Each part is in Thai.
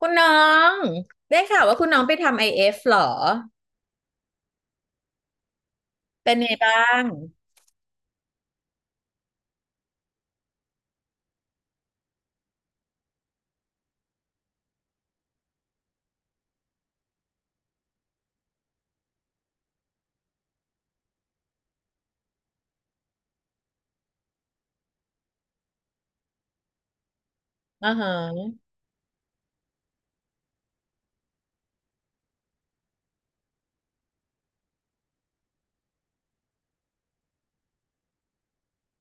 คุณน้องได้ข่าวว่าคุณน้องไปทำไอเอฟหรอเป็นไงบ้างอ่าฮะ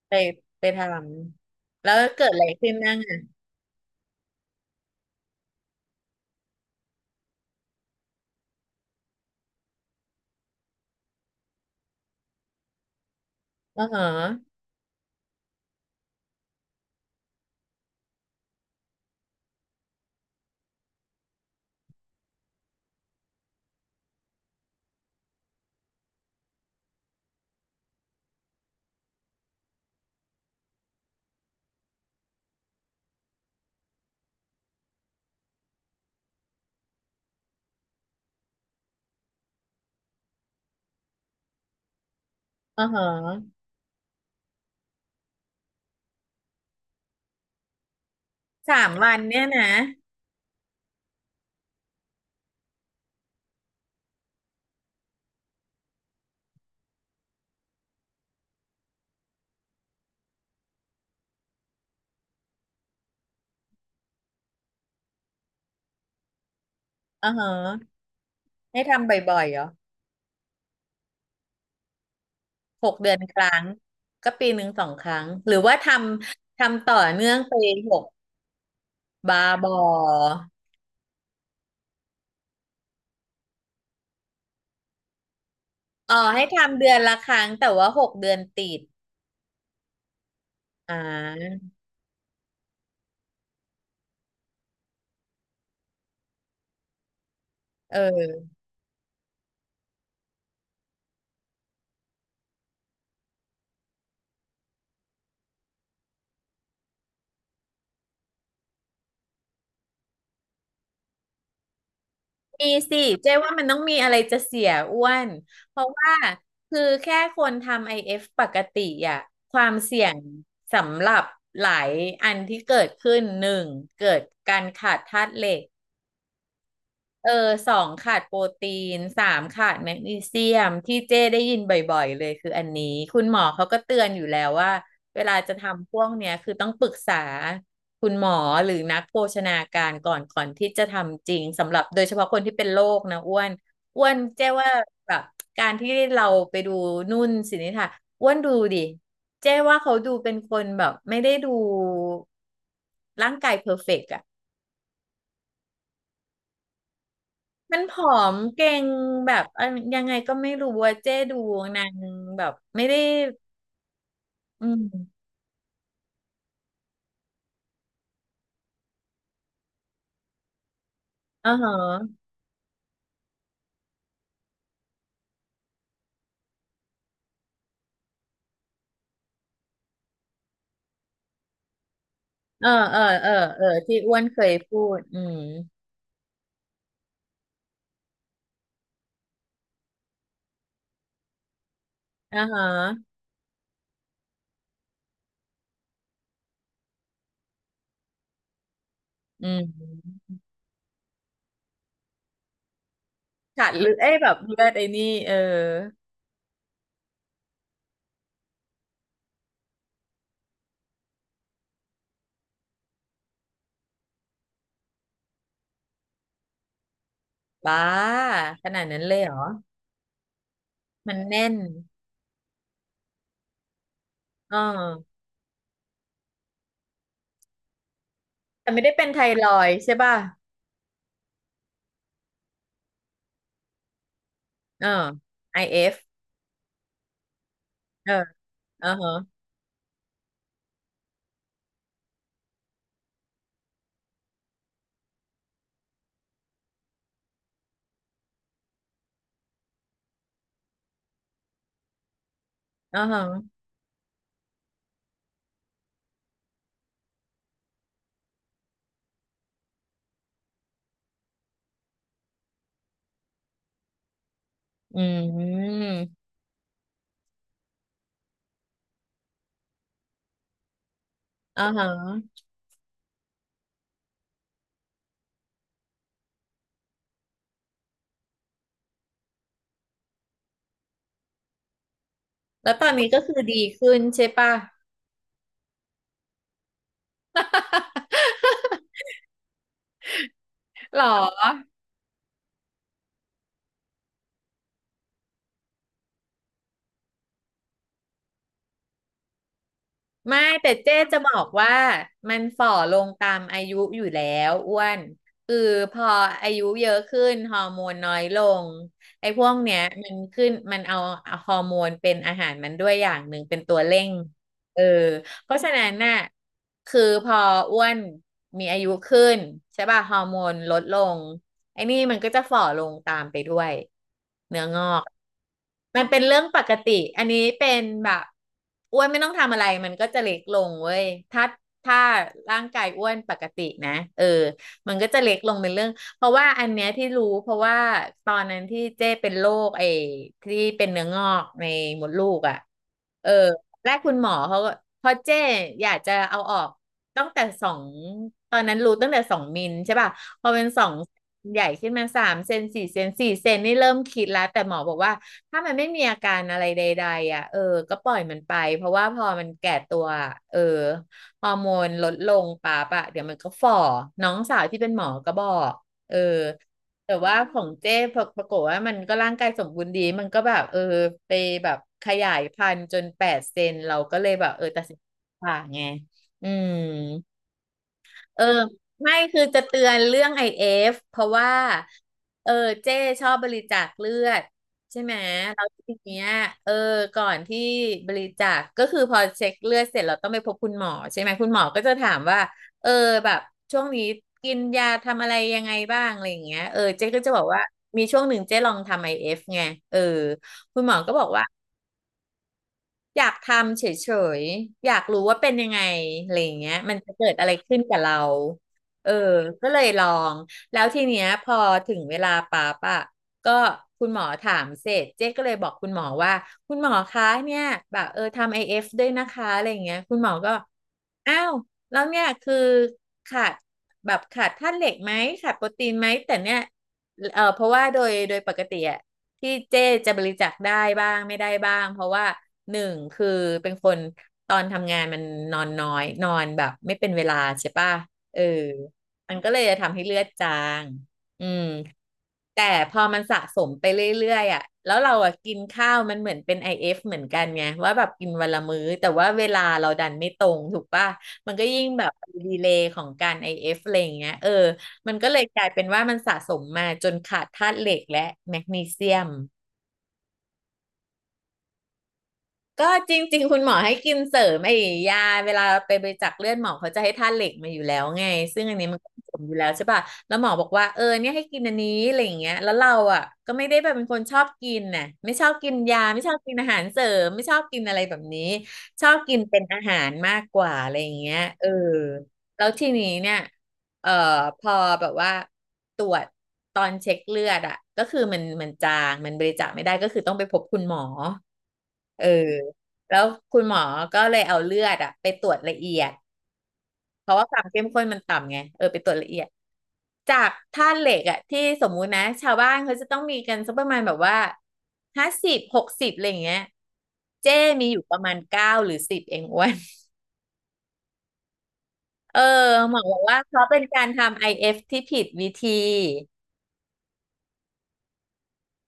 ไปไปทำแล้วเกิดอะไรขึ้นบ้างอ่ะอ่าฮะอ่าฮะสามวันเนี่ยนะอ่าฮะให้ทำบ่อยๆเหรอหกเดือนครั้งก็ปีหนึ่งสองครั้งหรือว่าทำทำต่อเนื่องไปหกบาบออ๋อให้ทำเดือนละครั้งแต่ว่าหกเดือนติดอ่าเออ มีสิเจ๊ว่ามันต้องมีอะไรจะเสียอ้วนเพราะว่าคือแค่คนทำ IF ปกติอ่ะความเสี่ยงสำหรับหลายอันที่เกิดขึ้นหนึ่งเกิดการขาดธาตุเหล็ก เออสองขาดโปรตีนสามขาดแมกนีเซียมที่เจ้ได้ยินบ่อยๆเลยคืออันนี้คุณหมอเขาก็เตือนอยู่แล้วว่าเวลาจะทำพวกเนี้ยคือต้องปรึกษาคุณหมอหรือนักโภชนาการก่อนก่อนที่จะทำจริงสำหรับโดยเฉพาะคนที่เป็นโรคนะอ้วนอ้วนเจ้ว่าแบบการที่เราไปดูนุ่นสินิธาอ้วนดูดิเจ้ว่าเขาดูเป็นคนแบบไม่ได้ดูร่างกายเพอร์เฟกต์อะ มันผอมเก่งแบบอันยังไงก็ไม่รู้ว่าเจ๊ดูนางแบบไม่ได้อืมอ่าฮะเออที่อ้วนเคยพูดอืมอ่าฮะอืมขาดเลือดเอ้ยแบบเลือดไอ้นี่เออบ้าขนาดนั้นเลยเหรอมันแน่นอ๋อแต่ไม่ได้เป็นไทรอยด์ใช่ป่ะเออ IF เอฟเอออ่าฮะอ่าฮะอืมอ่าฮะแล้วตอนนี้ก็คือดีขึ้นใช่ป่ะ หรอไม่แต่เจ๊จะบอกว่ามันฝ่อลงตามอายุอยู่แล้วอ้วนคือพออายุเยอะขึ้นฮอร์โมนน้อยลงไอ้พวกเนี้ยมันขึ้นมันเอาฮอร์โมนเป็นอาหารมันด้วยอย่างหนึ่งเป็นตัวเร่งเออ เพราะฉะนั้นน่ะคือพออ้วนมีอายุขึ้นใช่ป่ะฮอร์โมนลดลงไอ้นี่มันก็จะฝ่อลงตามไปด้วยเนื้องอกมันเป็นเรื่องปกติอันนี้เป็นแบบอ้วนไม่ต้องทำอะไรมันก็จะเล็กลงเว้ยถ้าถ้าร่างกายอ้วนปกตินะเออมันก็จะเล็กลงเป็นเรื่องเพราะว่าอันเนี้ยที่รู้เพราะว่าตอนนั้นที่เจ้เป็นโรคไอ้ที่เป็นเนื้องอกในมดลูกอ่ะเออ แรกคุณหมอเขาก็พราะเจ้อยากจะเอาออกตั้งแต่สองตอนนั้นรู้ตั้งแต่สองมิลใช่ป่ะพอเป็นสองใหญ่ขึ้นมาสามเซนสี่เซนสี่เซนนี่เริ่มคิดแล้วแต่หมอบอกว่าถ้ามันไม่มีอาการอะไรใดๆอ่ะเออ ก็ปล่อยมันไปเพราะว่าพอมันแก่ตัวอะเออฮอร์โมนลดลงปั๊ปอะเดี๋ยวมันก็ฝ่อน้องสาวที่เป็นหมอก็บอกเออ แต่ว่าของเจ้ปรปรากฏว่ามันก็ร่างกายสมบูรณ์ดี มันก็แบบเออไปแบบขยายพันธุ์จนแปดเซนเราก็เลยแบบเออตัดสินใจผ่าไง อืม เออไม่คือจะเตือนเรื่องไอเอฟเพราะว่าเออเจ้ชอบบริจาคเลือดใช่ไหมแล้วทีเนี้ยเออก่อนที่บริจาคก็คือพอเช็คเลือดเสร็จเราต้องไปพบคุณหมอใช่ไหมคุณหมอก็จะถามว่าเออแบบช่วงนี้กินยาทำอะไรยังไงบ้างอะไรอย่างเงี้ยเออเจ๊ก็จะบอกว่ามีช่วงหนึ่งเจ๊ลองทำไอเอฟไงเออคุณหมอก็บอกว่า อยากทำเฉยๆ อยากรู้ว่าเป็นยังไงอะไรอย่างเงี้ยมันจะเกิดอะไรขึ้นกับเรา เออ ก็เลยลอง แล้วทีเนี้ยพอถึงเวลาปั๊บอะ ก็คุณหมอถามเสร็จเจ๊ก็เลยบอกคุณหมอว่าคุณหมอคะเนี่ยแบบเออทำไอเอฟด้วยนะคะอะไรอย่างเงี้ยคุณหมอก็อ้าวแล้วเนี่ยคือขาดแบบขาดธาตุเหล็กไหมขาดโปรตีนไหมแต่เนี่ยเออเพราะว่าโดยปกติอะที่เจ๊จะบริจาคได้บ้างไม่ได้บ้างเพราะว่าหนึ่งคือเป็นคนตอนทำงานมันนอนน้อยนอนแบบไม่เป็นเวลาใช่ป่ะเออมันก็เลยจะทำให้เลือดจางอืม แต่พอมันสะสมไปเรื่อยๆอ่ะแล้วเราอ่ะกินข้าวมันเหมือนเป็น IF เอฟเหมือนกันไงว่าแบบกินวันละมื้อแต่ว่าเวลาเราดันไม่ตรงถูกป่ะมันก็ยิ่งแบบดีเลย์ของการ IF อเอฟอะไรอย่างเงี้ยเออมันก็เลยกลายเป็นว่ามันสะสมมาจนขาดธาตุเหล็กและแมกนีเซียม ก็จริงๆคุณหมอให้กินเสริมไอ้ยาเวลาไปบริจาคเลือดหมอเขาจะให้ธาตุเหล็กมาอยู่แล้วไงซึ่งอันนี้มันก็ผสมอยู่แล้วใช่ป่ะแล้วหมอบอกว่าเออเนี่ยให้กินอันนี้อะไรอย่างเงี้ยแล้วเราอ่ะก็ไม่ได้แบบเป็นคนชอบกินน่ะไม่ชอบกินยาไม่ชอบกินอาหารเสริมไม่ชอบกินอะไรแบบนี้ชอบกินเป็นอาหารมากกว่าอะไรอย่างเงี้ยเออแล้วทีนี้เนี่ยเอ่อพอแบบว่าตรวจตอนเช็คเลือดอ่ะก็คือมันจางมันบริจาคไม่ได้ก็คือต้องไปพบคุณหมอเออ แล้วคุณหมอก็เลยเอาเลือดอะไปตรวจละเอียดเพราะว่าความเข้มข้นมันต่ำไงเออไปตรวจละเอียดจากธาตุเหล็กอะที่สมมุตินะชาวบ้านเขาจะต้องมีกันสักประมาณแบบว่า50 60อะไรอย่างเงี้ยเจ้มีอยู่ประมาณ9 หรือ 10เองอ้วนเออหมอบอกว่าเขาเป็นการทำ IF ที่ผิดวิธี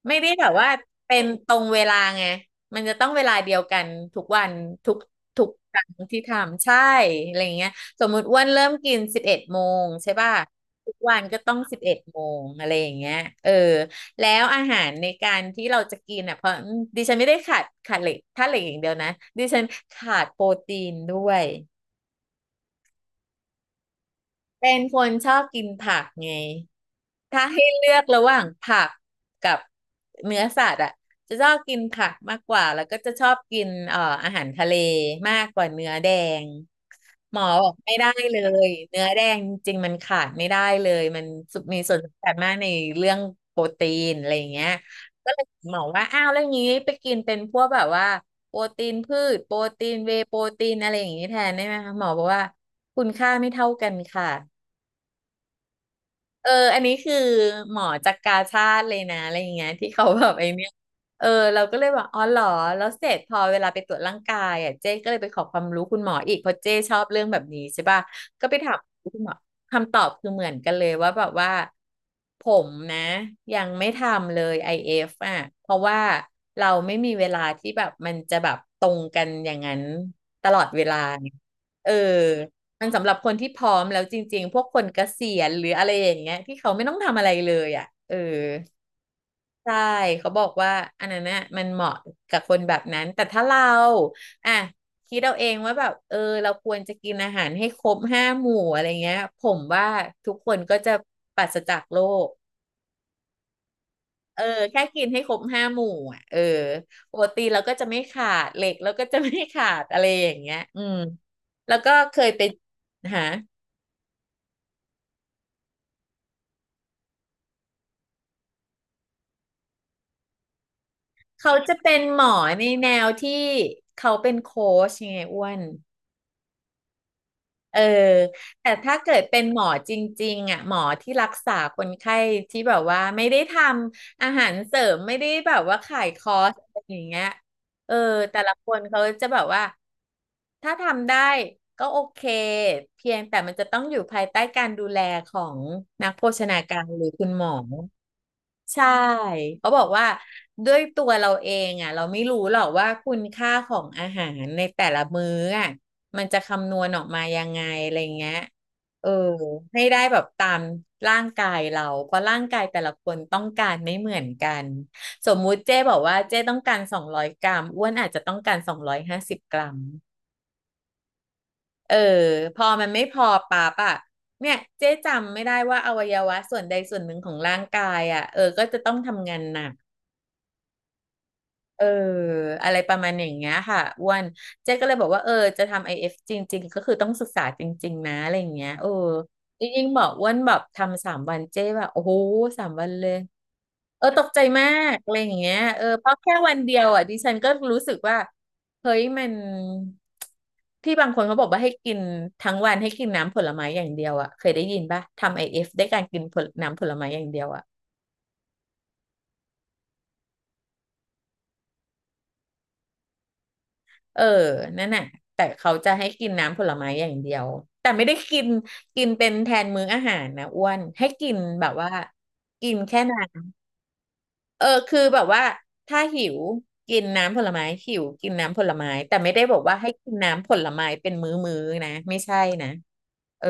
ไม่ได้แบบว่าเป็นตรงเวลาไงมันจะต้องเวลาเดียวกันทุกวันทุกทุกครั้งที่ทำใช่อะไรเงี้ยสมมุติอ้วนเริ่มกินสิบเอ็ดโมงใช่ป่ะทุกวันก็ต้องสิบเอ็ดโมงอะไรอย่างเงี้ยเออแล้วอาหารในการที่เราจะกินอ่ะเพราะดิฉันไม่ได้ขาดเหล็กถ้าเหล็กอย่างเดียวนะดิฉันขาดโปรตีนด้วยเป็นคนชอบกินผักไง ถ้าให้เลือกระหว่างผักกับเนื้อสัตว์อ่ะจะชอบกินผักมากกว่าแล้วก็จะชอบกินอาหารทะเลมากกว่าเนื้อแดงหมอบอกไม่ได้เลยเนื้อแดงจริงๆมันขาดไม่ได้เลยมันมีส่วนสำคัญมากในเรื่องโปรตีนอะไรอย่างเงี้ยก็เลยหมอว่าอ้าวแล้วอย่างนี้ไปกินเป็นพวกแบบว่าโปรตีนพืชโปรตีนเวย์โปรตีนอะไรอย่างนี้แทนได้ไหมคะหมอบอกว่าคุณค่าไม่เท่ากันค่ะ เอออันนี้คือหมอจากกาชาติเลยนะอะไรอย่างเงี้ยที่เขาแบบไอ้เนี่ยเออเราก็เลยบอกอ๋อเหรอแล้วเสร็จพอเวลาไปตรวจร่างกายอ่ะเจ๊ก็เลยไปขอความรู้คุณหมออีกเพราะเจ๊ชอบเรื่องแบบนี้ใช่ป่ะก็ไปถามคุณหมอคำตอบคือเหมือนกันเลยว่าแบบว่าผมนะยังไม่ทำเลยไอ f อฟอ่ะเพราะว่าเราไม่มีเวลาที่แบบมันจะแบบตรงกันอย่างนั้นตลอดเวลาไงเออ มันสำหรับคนที่พร้อมแล้วจริงๆพวกคนเกษียณหรืออะไรอย่างเงี้ยที่เขาไม่ต้องทำอะไรเลยอ่ะเออใช่เขาบอกว่าอันนั้นน่ะมันเหมาะกับคนแบบนั้นแต่ถ้าเราอ่ะคิดเอาเองว่าแบบเออเราควรจะกินอาหารให้ครบห้าหมู่อะไรเงี้ยผมว่าทุกคนก็จะปราศจากโรคเออแค่กินให้ครบห้าหมู่อ่ะเออโปรตีนเราก็จะไม่ขาดเหล็กเราก็จะไม่ขาดอะไรอย่างเงี้ยอืมแล้วก็เคยไปหา เขาจะเป็นหมอในแนวที่เขาเป็นโค้ชยังไงอ้วนเออแต่ถ้าเกิดเป็นหมอจริงๆอ่ะหมอที่รักษาคนไข้ที่แบบว่าไม่ได้ทำอาหารเสริมไม่ได้แบบว่าขายคอร์สอะไรอย่างเงี้ยเออแต่ละคนเขาจะแบบว่าถ้าทำได้ก็โอเคเพียงแต่มันจะต้องอยู่ภายใต้การดูแลของนักโภชนาการหรือคุณหมอ ใช่เขาบอกว่าด้วยตัวเราเองอ่ะเราไม่รู้หรอกว่าคุณค่าของอาหารในแต่ละมื้ออ่ะมันจะคำนวณออกมายังไงอะไรเงี้ยเออให้ได้แบบตามร่างกายเราเพราะร่างกายแต่ละคนต้องการไม่เหมือนกันสมมุติเจ้บอกว่าเจ้ต้องการ200 กรัมอ้วนอาจจะต้องการ250 กรัมเออพอมันไม่พอปั๊บอ่ะเนี่ยเจ๊จำไม่ได้ว่าอวัยวะส่วนใดส่วนหนึ่งของร่างกายอ่ะเออก็จะต้องทำงานหนัก เอออะไรประมาณอย่างเงี้ยค่ะอ้วนเจ๊ก็เลยบอกว่าเออจะทำไอเอฟจริงๆก็คือต้องศึกษาจริงๆนะอะไรอย่างเงี้ยเออยิ่งๆบอกอ้วนแบบทำสามวันเจ๊แบบโอ้โหสามวันเลยเออตกใจมากอะไรอย่างเงี้ยเออเพราะแค่วันเดียวอ่ะดิฉันก็รู้สึกว่าเฮ้ยมันที่บางคนเขาบอกว่าให้กินทั้งวันให้กินน้ำผลไม้อย่างเดียวอ่ะเคยได้ยินป่ะทำไอเอฟได้การกินผลน้ำผลไม้อย่างเดียวอ่ะ เออนั่นน่ะแต่เขาจะให้กินน้ำผลไม้อย่างเดียว แต่ไม่ได้กิน กินเป็นแทนมื้ออาหารนะอ้วนให้กินแบบว่ากินแค่น้ำเออคือแบบว่าถ้าหิวกินน้ำผลไม้หิวกินน้ำผลไม้แต่ไม่ได้บอกว่าให้กินน้ำผลไม้เป็นมื้อๆนะไม่ใช่นะเออ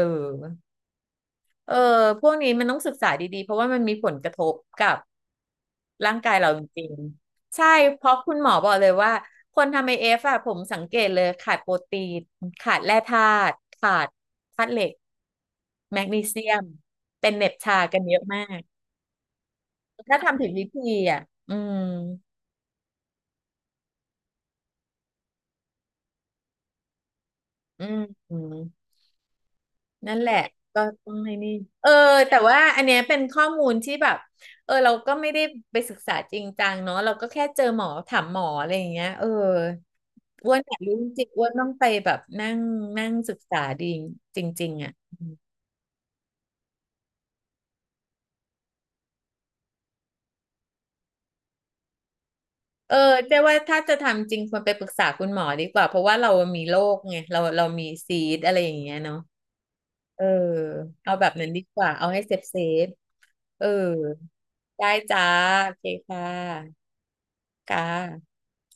เออพวกนี้มันต้องศึกษาดีๆ เพราะว่ามันมีผลกระทบกับร่างกายเราจริงๆใช่เพราะคุณหมอบอกเลยว่าคนทำไอเอฟอะผมสังเกตเลยขาดโปรตีนขาดแร่ธาตุขาดธาตุเหล็กแมกนีเซียมเป็นเหน็บชากันเยอะมากถ้าทำผิดวิธีอะอืมอืม นั่นแหละก็ต้องให้นี่เออแต่ว่าอันเนี้ยเป็นข้อมูลที่แบบเออเราก็ไม่ได้ไปศึกษาจริงจังเนาะเราก็แค่เจอหมอถามหมออะไรอย่างเงี้ยเอออ้วนอยากรู้จริงๆอ้วนต้องไปแบบนั่งนั่งศึกษาดีจริงๆอ่ะเออแต่ว่าถ้าจะทำจริงควรไปปรึกษาคุณหมอดีกว่าเพราะว่าเรามีโรคไงเรามีซีดอะไรอย่างเงี้ยเนาะเออเอาแบบนั้นดีกว่าเอาให้เซฟเออได้จ้าโอเคค่ะค่ะ